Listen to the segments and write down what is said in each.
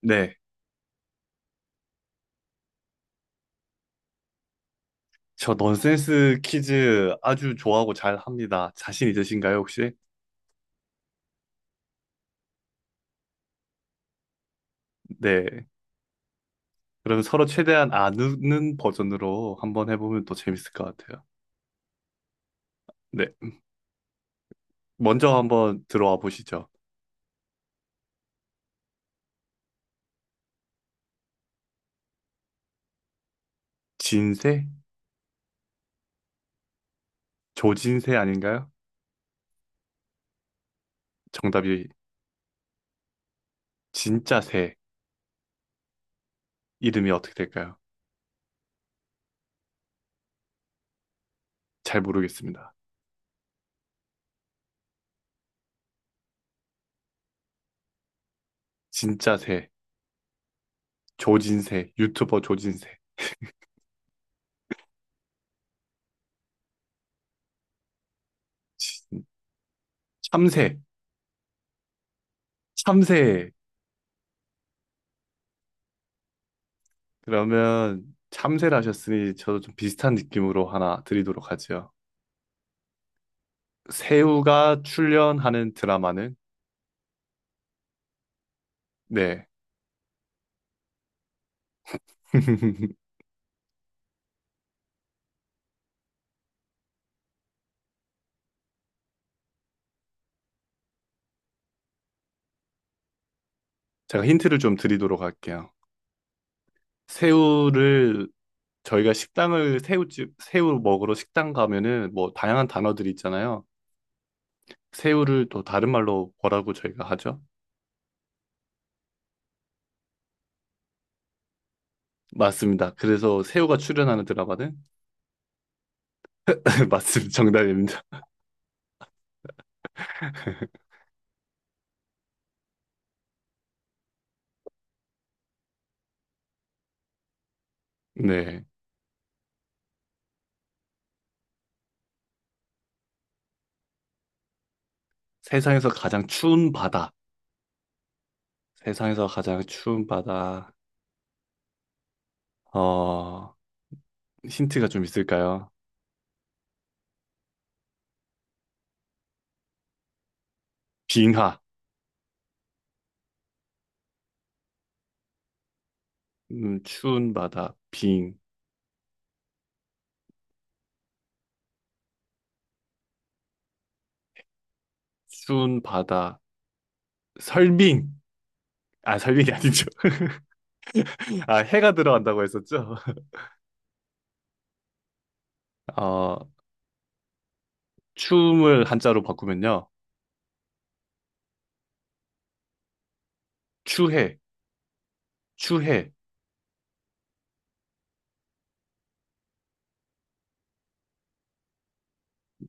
네. 저 넌센스 퀴즈 아주 좋아하고 잘 합니다. 자신 있으신가요, 혹시? 네. 그럼 서로 최대한 아는 버전으로 한번 해보면 또 재밌을 것 같아요. 네. 먼저 한번 들어와 보시죠. 진새? 조진새 아닌가요? 정답이 진짜 새. 이름이 어떻게 될까요? 잘 모르겠습니다. 진짜 새. 조진새. 유튜버 조진새. 진- 참새. 참새. 그러면 참새를 하셨으니 저도 좀 비슷한 느낌으로 하나 드리도록 하죠. 새우가 출연하는 드라마는? 네. 제가 힌트를 좀 드리도록 할게요. 새우를 저희가 식당을 새우집 새우 먹으러 식당 가면은 뭐 다양한 단어들이 있잖아요. 새우를 또 다른 말로 뭐라고 저희가 하죠? 맞습니다. 그래서 새우가 출연하는 드라마는 맞습니다. 정답입니다. 네. 세상에서 가장 추운 바다. 세상에서 가장 추운 바다. 어, 힌트가 좀 있을까요? 빙하. 추운 바다, 빙. 추운 바다, 설빙. 아, 설빙이 아니죠. 아, 해가 들어간다고 했었죠? 어, 춤을 한자로 바꾸면요. 추해, 추해.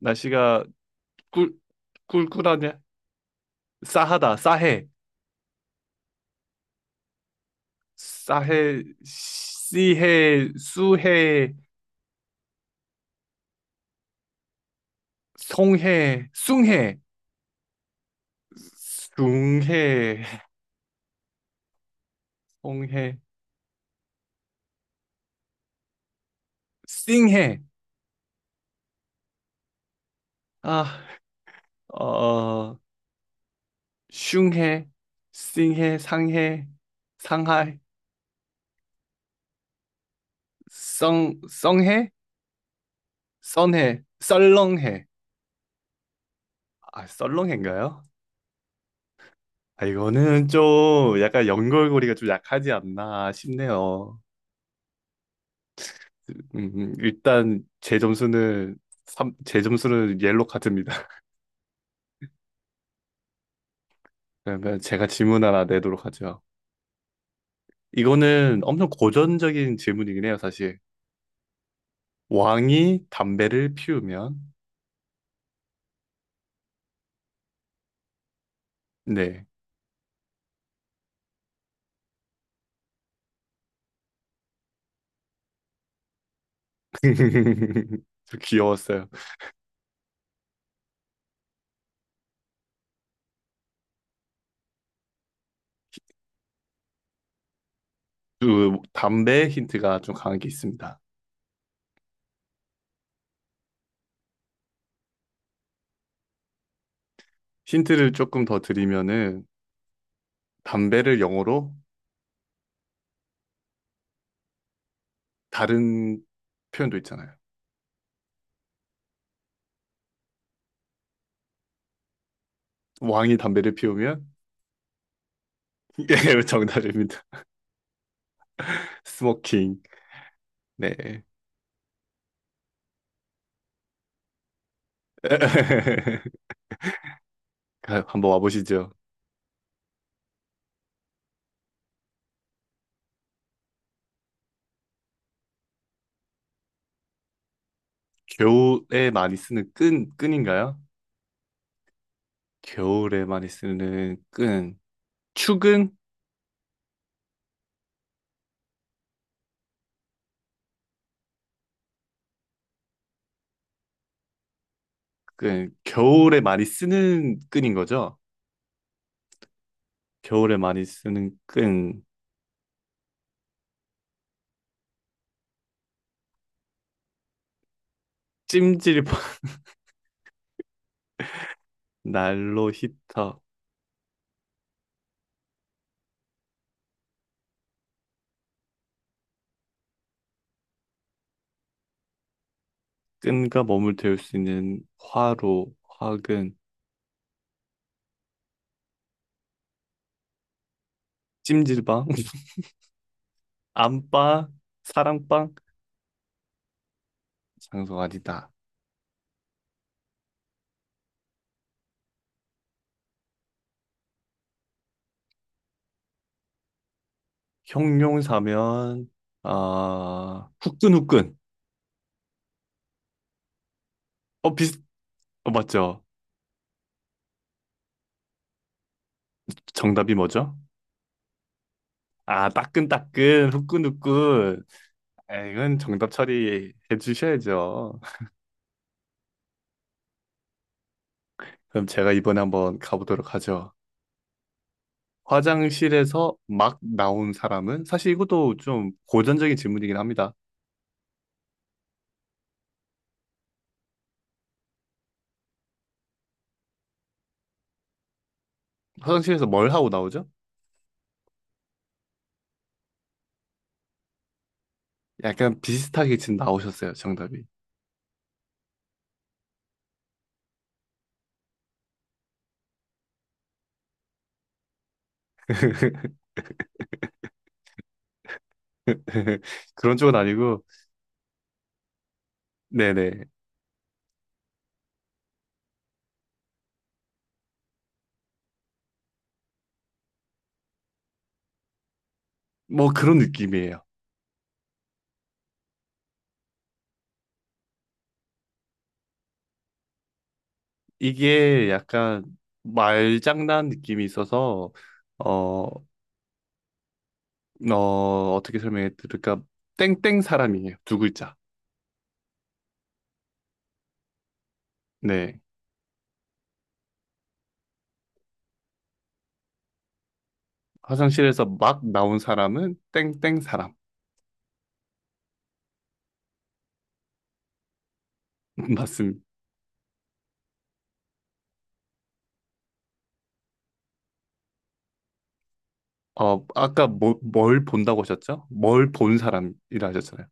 날씨가 꿀, 꿀꿀하냐? 싸하다, 싸해. 싸해, 씨해, 수해, 송해, 숭해, 숭해, 송해, 씽해. 아, 어, 슝해, 싱해, 상해, 상하이, 성, 성해, 선해, 썰렁해. 아, 썰렁해인가요? 아, 이거는 좀 약간 연결고리가 좀 약하지 않나 싶네요. 일단 제 점수는 삼제 점수는 옐로 카드입니다. 그러면 제가 질문 하나 내도록 하죠. 이거는 엄청 고전적인 질문이긴 해요, 사실. 왕이 담배를 피우면 네. 저 귀여웠어요. 그 담배 힌트가 좀 강하게 있습니다. 힌트를 조금 더 드리면은 담배를 영어로 다른 표현도 있잖아요. 왕이 담배를 피우면 예, 정답입니다. 스모킹. 네. 한번 와보시죠. 겨울에 많이 쓰는 끈, 끈인가요? 겨울에 많이 쓰는 끈. 축은 끈. 겨울에 많이 쓰는 끈인 거죠? 겨울에 많이 쓰는 끈. 찜질방, 난로 히터. 끈과 몸을 데울 수 있는 화로, 화근, 찜질방, 안방, 사랑방, 장소가 아니다. 형용사면 아 후끈후끈. 어 비슷 어 맞죠? 정답이 뭐죠? 아 따끈따끈 후끈후끈. 아, 이건 정답 처리해 주셔야죠. 그럼 제가 이번에 한번 가보도록 하죠. 화장실에서 막 나온 사람은 사실 이것도 좀 고전적인 질문이긴 합니다. 화장실에서 뭘 하고 나오죠? 약간 비슷하게 지금 나오셨어요, 정답이. 그런 쪽은 아니고, 네네. 뭐 그런 느낌이에요. 이게 약간 말장난 느낌이 있어서, 어, 어떻게 설명해 드릴까? 땡땡 사람이에요. 두 글자. 네. 화장실에서 막 나온 사람은 땡땡 사람. 맞습니다. 어, 아까 뭐, 뭘 본다고 하셨죠? 뭘 본 사람이라 하셨잖아요.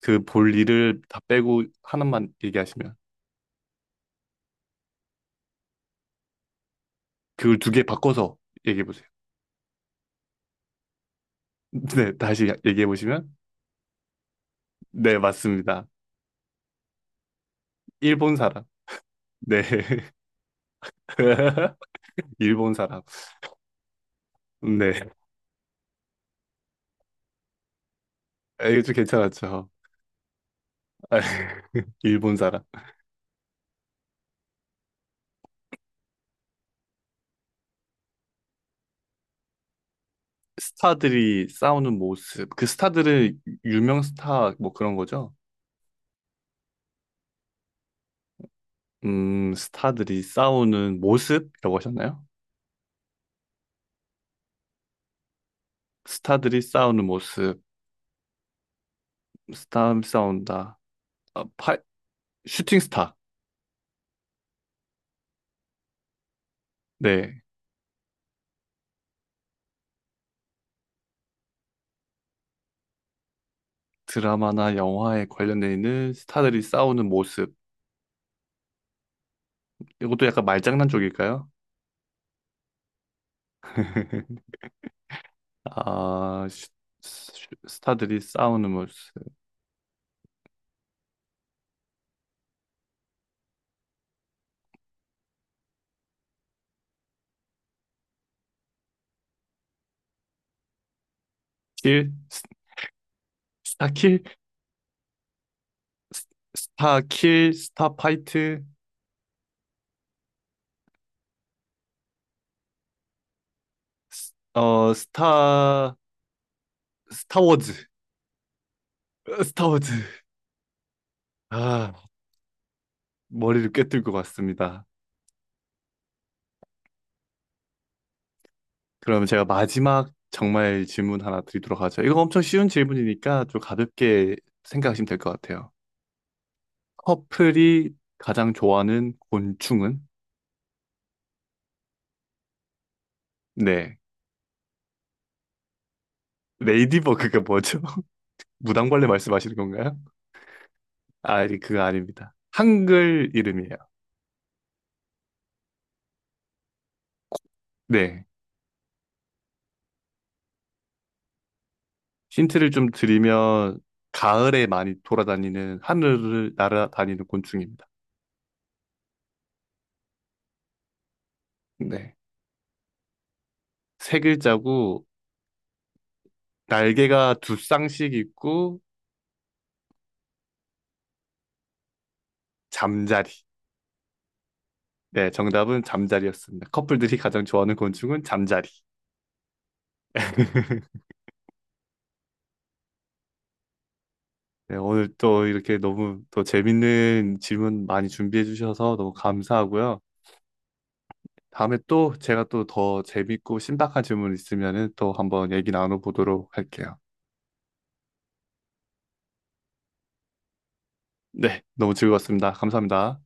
그 볼 일을 다 빼고 하나만 얘기하시면. 그걸 두 개 바꿔서 얘기해 보세요. 네, 다시 얘기해 보시면 네, 맞습니다. 일본 사람. 네. 일본 사람. 네. 아, 이거 좀 괜찮았죠. 아, 일본 사람. 스타들이 싸우는 모습. 그 스타들은 유명 스타 뭐 그런 거죠? 스타들이 싸우는 모습이라고 하셨나요? 스타들이 싸우는 모습. 스타 싸운다. 아, 파, 슈팅 스타. 네. 드라마나 영화에 관련돼 있는 스타들이 싸우는 모습. 이것도 약간 말장난 쪽일까요? 아, 슈- 스타들이 싸우는 모습. 킬, 스- 스타킬, 스타킬, 스타파이트, 어, 스타, 스타워즈, 스타워즈. 아, 머리를 꿰뚫 것 같습니다. 그러면 제가 마지막 정말 질문 하나 드리도록 하죠. 이거 엄청 쉬운 질문이니까 좀 가볍게 생각하시면 될 것 같아요. 커플이 가장 좋아하는 곤충은? 네. 레이디버그가 뭐죠? 무당벌레 말씀하시는 건가요? 아, 아니, 그거 아닙니다. 한글 이름이에요. 네. 힌트를 좀 드리면, 가을에 많이 돌아다니는, 하늘을 날아다니는 곤충입니다. 네. 세 글자고, 날개가 두 쌍씩 있고, 잠자리. 네, 정답은 잠자리였습니다. 커플들이 가장 좋아하는 곤충은 잠자리. 네, 오늘 또 이렇게 너무 또 재밌는 질문 많이 준비해 주셔서 너무 감사하고요. 다음에 또 제가 또 더 재밌고 신박한 질문 있으면은 또 한번 얘기 나눠보도록 할게요. 네, 너무 즐거웠습니다. 감사합니다.